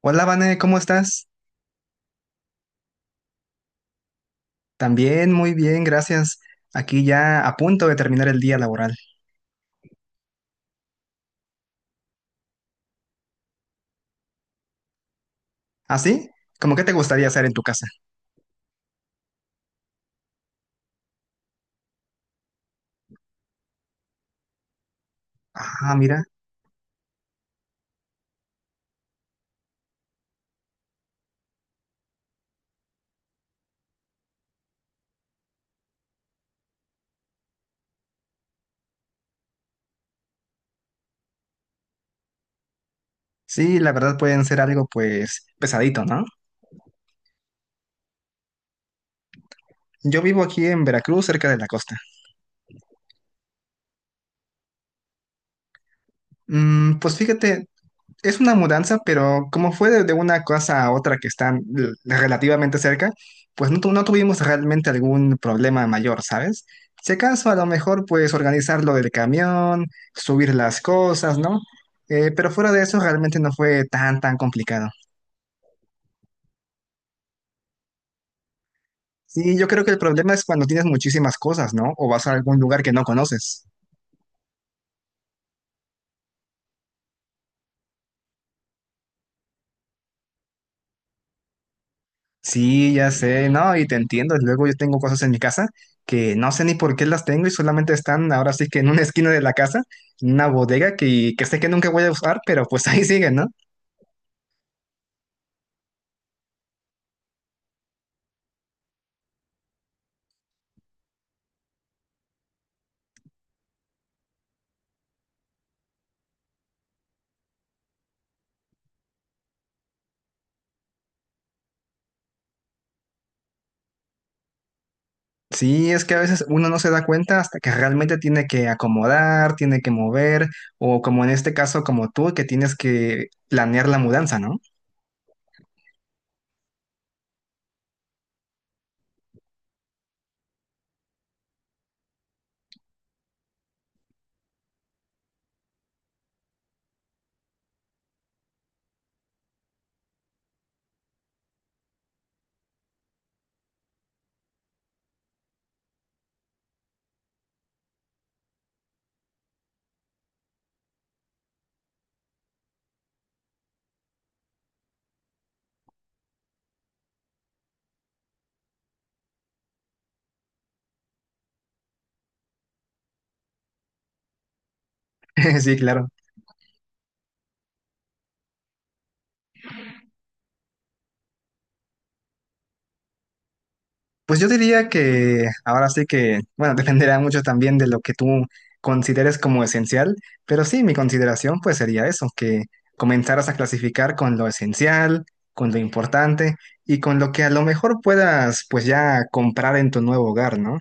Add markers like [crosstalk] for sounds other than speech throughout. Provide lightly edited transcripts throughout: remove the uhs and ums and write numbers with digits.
Hola, Vane, ¿cómo estás? También muy bien, gracias. Aquí ya a punto de terminar el día laboral. ¿Ah, sí? ¿Cómo que te gustaría hacer en tu casa? Ah, mira. Sí, la verdad pueden ser algo pues pesadito, ¿no? Yo vivo aquí en Veracruz, cerca de la costa. Pues fíjate, es una mudanza, pero como fue de una cosa a otra que están relativamente cerca, pues no, no tuvimos realmente algún problema mayor, ¿sabes? Si acaso a lo mejor pues organizar lo del camión, subir las cosas, ¿no? Pero fuera de eso realmente no fue tan complicado. Sí, yo creo que el problema es cuando tienes muchísimas cosas, ¿no? O vas a algún lugar que no conoces. Sí, ya sé, no, y te entiendo. Luego yo tengo cosas en mi casa que no sé ni por qué las tengo y solamente están ahora sí que en una [laughs] esquina de la casa, en una bodega que sé que nunca voy a usar, pero pues [laughs] ahí siguen, ¿no? Sí, es que a veces uno no se da cuenta hasta que realmente tiene que acomodar, tiene que mover, o como en este caso, como tú, que tienes que planear la mudanza, ¿no? [laughs] Sí, claro. Pues yo diría que ahora sí que, bueno, [laughs] dependerá mucho también de lo que tú consideres como esencial, pero sí, mi consideración pues sería eso, que comenzaras a clasificar con lo esencial, con lo importante y con lo que a lo mejor puedas pues ya comprar en tu nuevo hogar, ¿no?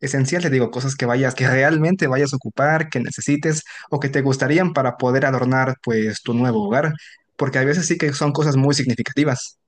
Esencial, te digo, cosas que vayas, que realmente vayas a ocupar, que necesites o que te gustarían para poder adornar pues tu nuevo hogar, porque a veces sí que son cosas muy significativas.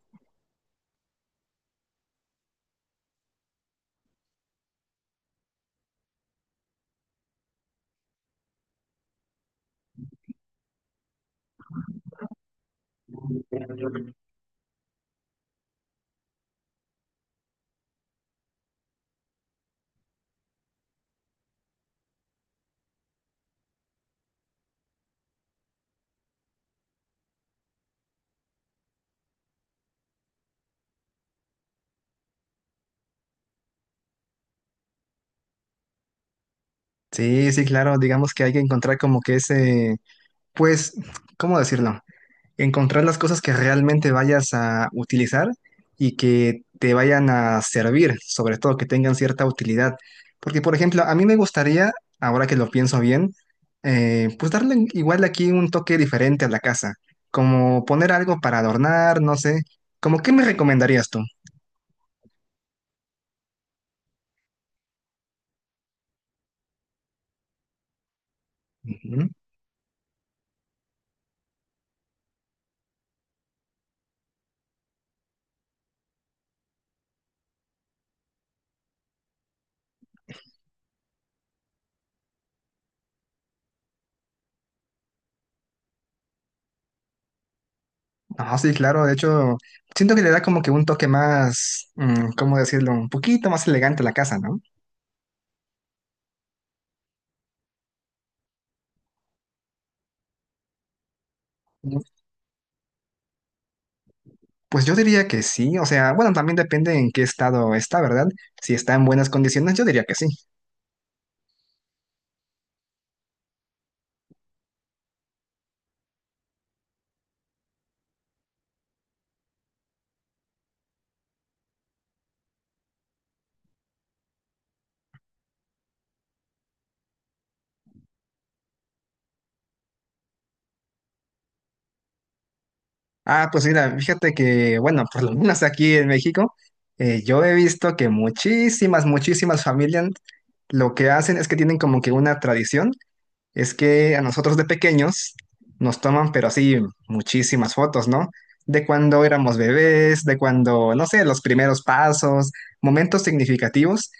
Sí, sí, claro, digamos que hay que encontrar como que ese pues, ¿cómo decirlo? Encontrar las cosas que realmente vayas a utilizar y que te vayan a servir, sobre todo que tengan cierta utilidad. Porque, por ejemplo, a mí me gustaría, ahora que lo pienso bien, pues darle igual aquí un toque diferente a la casa, como poner algo para adornar, no sé. ¿Cómo qué me recomendarías tú? Ujú. Ah, sí, claro, de hecho, siento que le da como que un toque más, mm, ¿cómo decirlo? Un poquito más elegante a la casa, ¿no? Pues yo diría que sí, o sea, bueno, también depende en qué estado está, ¿verdad? Si está en buenas condiciones, yo diría que sí. Ah, pues mira, fíjate que, bueno, por lo menos aquí en México, yo he visto que muchísimas familias lo que hacen es que tienen como que una tradición, es que a nosotros de pequeños nos toman, pero así, muchísimas fotos, ¿no? De cuando éramos bebés, de cuando, no sé, los primeros pasos, momentos significativos.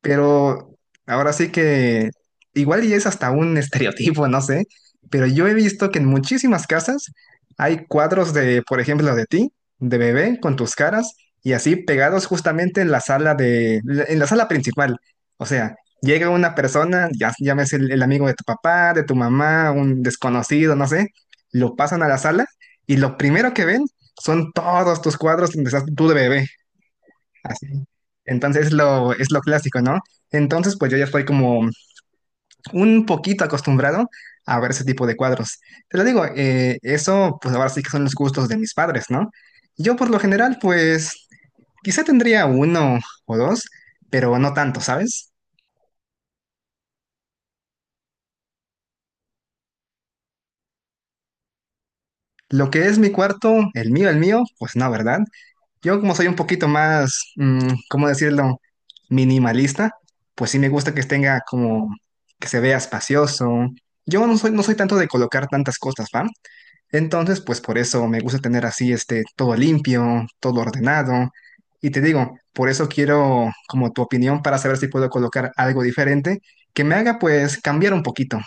Pero ahora sí que igual y es hasta un [laughs] estereotipo, no sé, pero yo he visto que en muchísimas casas hay cuadros de, por ejemplo, de ti, de bebé, con tus caras y así pegados justamente en la sala en la sala principal. O sea, llega una persona, ya llames el amigo de tu papá, de tu mamá, un desconocido, no sé, lo pasan a la sala y lo primero que ven son todos tus cuadros donde estás tú de bebé. Así. Entonces es es lo clásico, ¿no? Entonces, pues yo ya estoy como un poquito acostumbrado a ver ese tipo de cuadros. Te lo digo, eso, pues ahora sí que son los gustos de mis padres, ¿no? Yo por lo general, pues quizá tendría uno o dos, pero no tanto, ¿sabes? Lo que es mi cuarto, el mío, pues no, ¿verdad? Yo como soy un poquito más, mm, ¿cómo decirlo? Minimalista, pues sí me gusta que tenga como que se vea espacioso. Yo no soy, no soy tanto de colocar tantas cosas, ¿va? Entonces, pues por eso me gusta tener así este todo limpio, todo ordenado. Y te digo, por eso quiero como tu opinión para saber si puedo colocar algo diferente que me haga pues cambiar un poquito.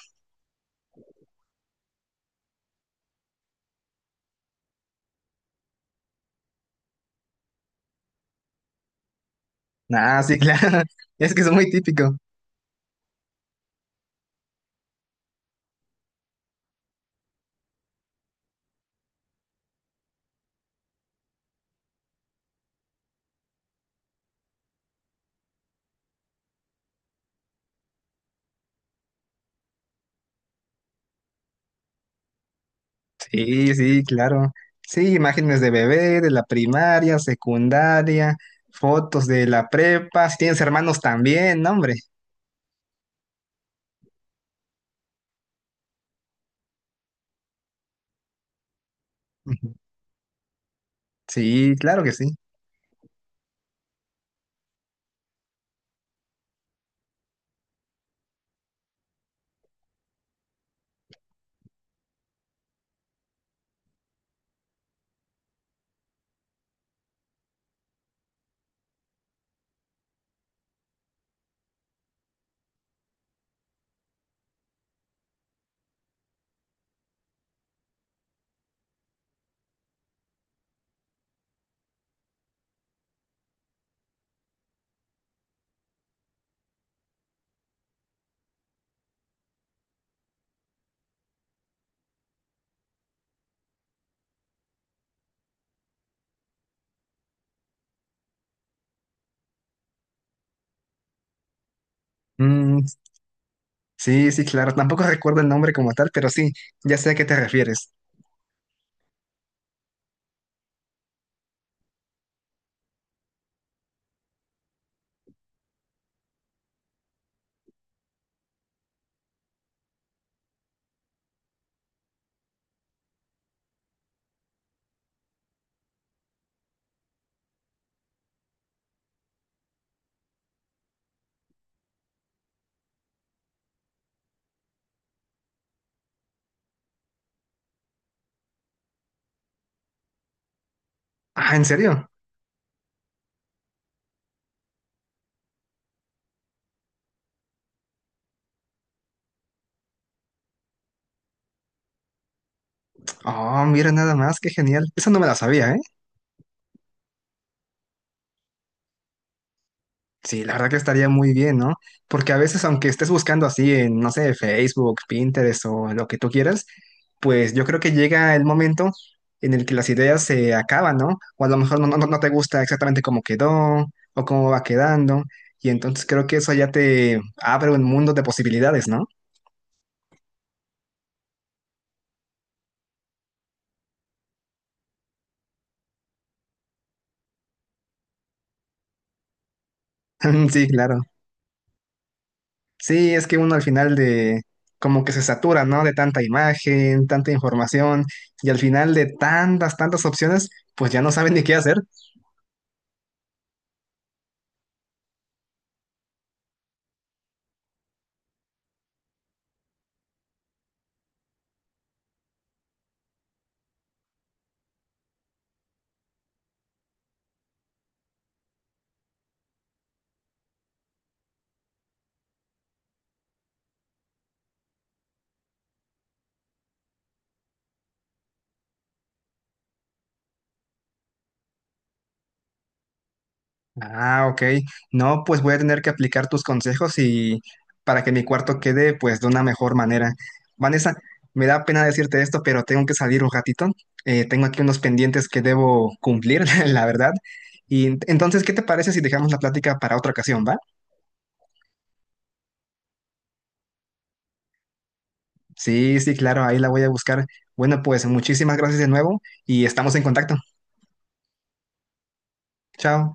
Ah, sí, [laughs] claro. Es que es muy típico. Sí, sí, claro. Sí, imágenes de bebé, de la primaria, secundaria, fotos de la prepa, si tienes hermanos también, ¿no, hombre? Ujú. Sí, claro que sí. Mm, sí, sí, claro. Tampoco recuerdo el nombre como tal, pero sí, ya sé a qué te refieres. Ah, ¿en serio? Oh, mira nada más, qué genial. Eso no me la sabía, ¿eh? Sí, la verdad que estaría muy bien, ¿no? Porque a veces, aunque estés buscando así en, no sé, Facebook, Pinterest o lo que tú quieras, pues yo creo que llega el momento en el que las ideas se acaban, ¿no? O a lo mejor no te gusta exactamente cómo quedó o cómo va quedando. Y entonces creo que eso ya te abre un mundo de posibilidades, ¿no? [laughs] Sí, claro. Sí, es que uno al final de, como que se satura, ¿no? De tanta imagen, tanta información, y al final de tantas opciones, pues ya no saben ni qué hacer. Ah, ok. No, pues voy a tener que aplicar tus consejos y para que mi cuarto quede pues de una mejor manera. Vanessa, me da pena decirte esto, pero tengo que salir un ratito. Tengo aquí unos pendientes que debo cumplir, [laughs] la verdad. Y entonces, ¿qué te parece si dejamos la plática para otra ocasión, va? Sí, sí, claro, ahí la voy a buscar. Bueno, pues muchísimas gracias de nuevo y estamos en contacto. Chao.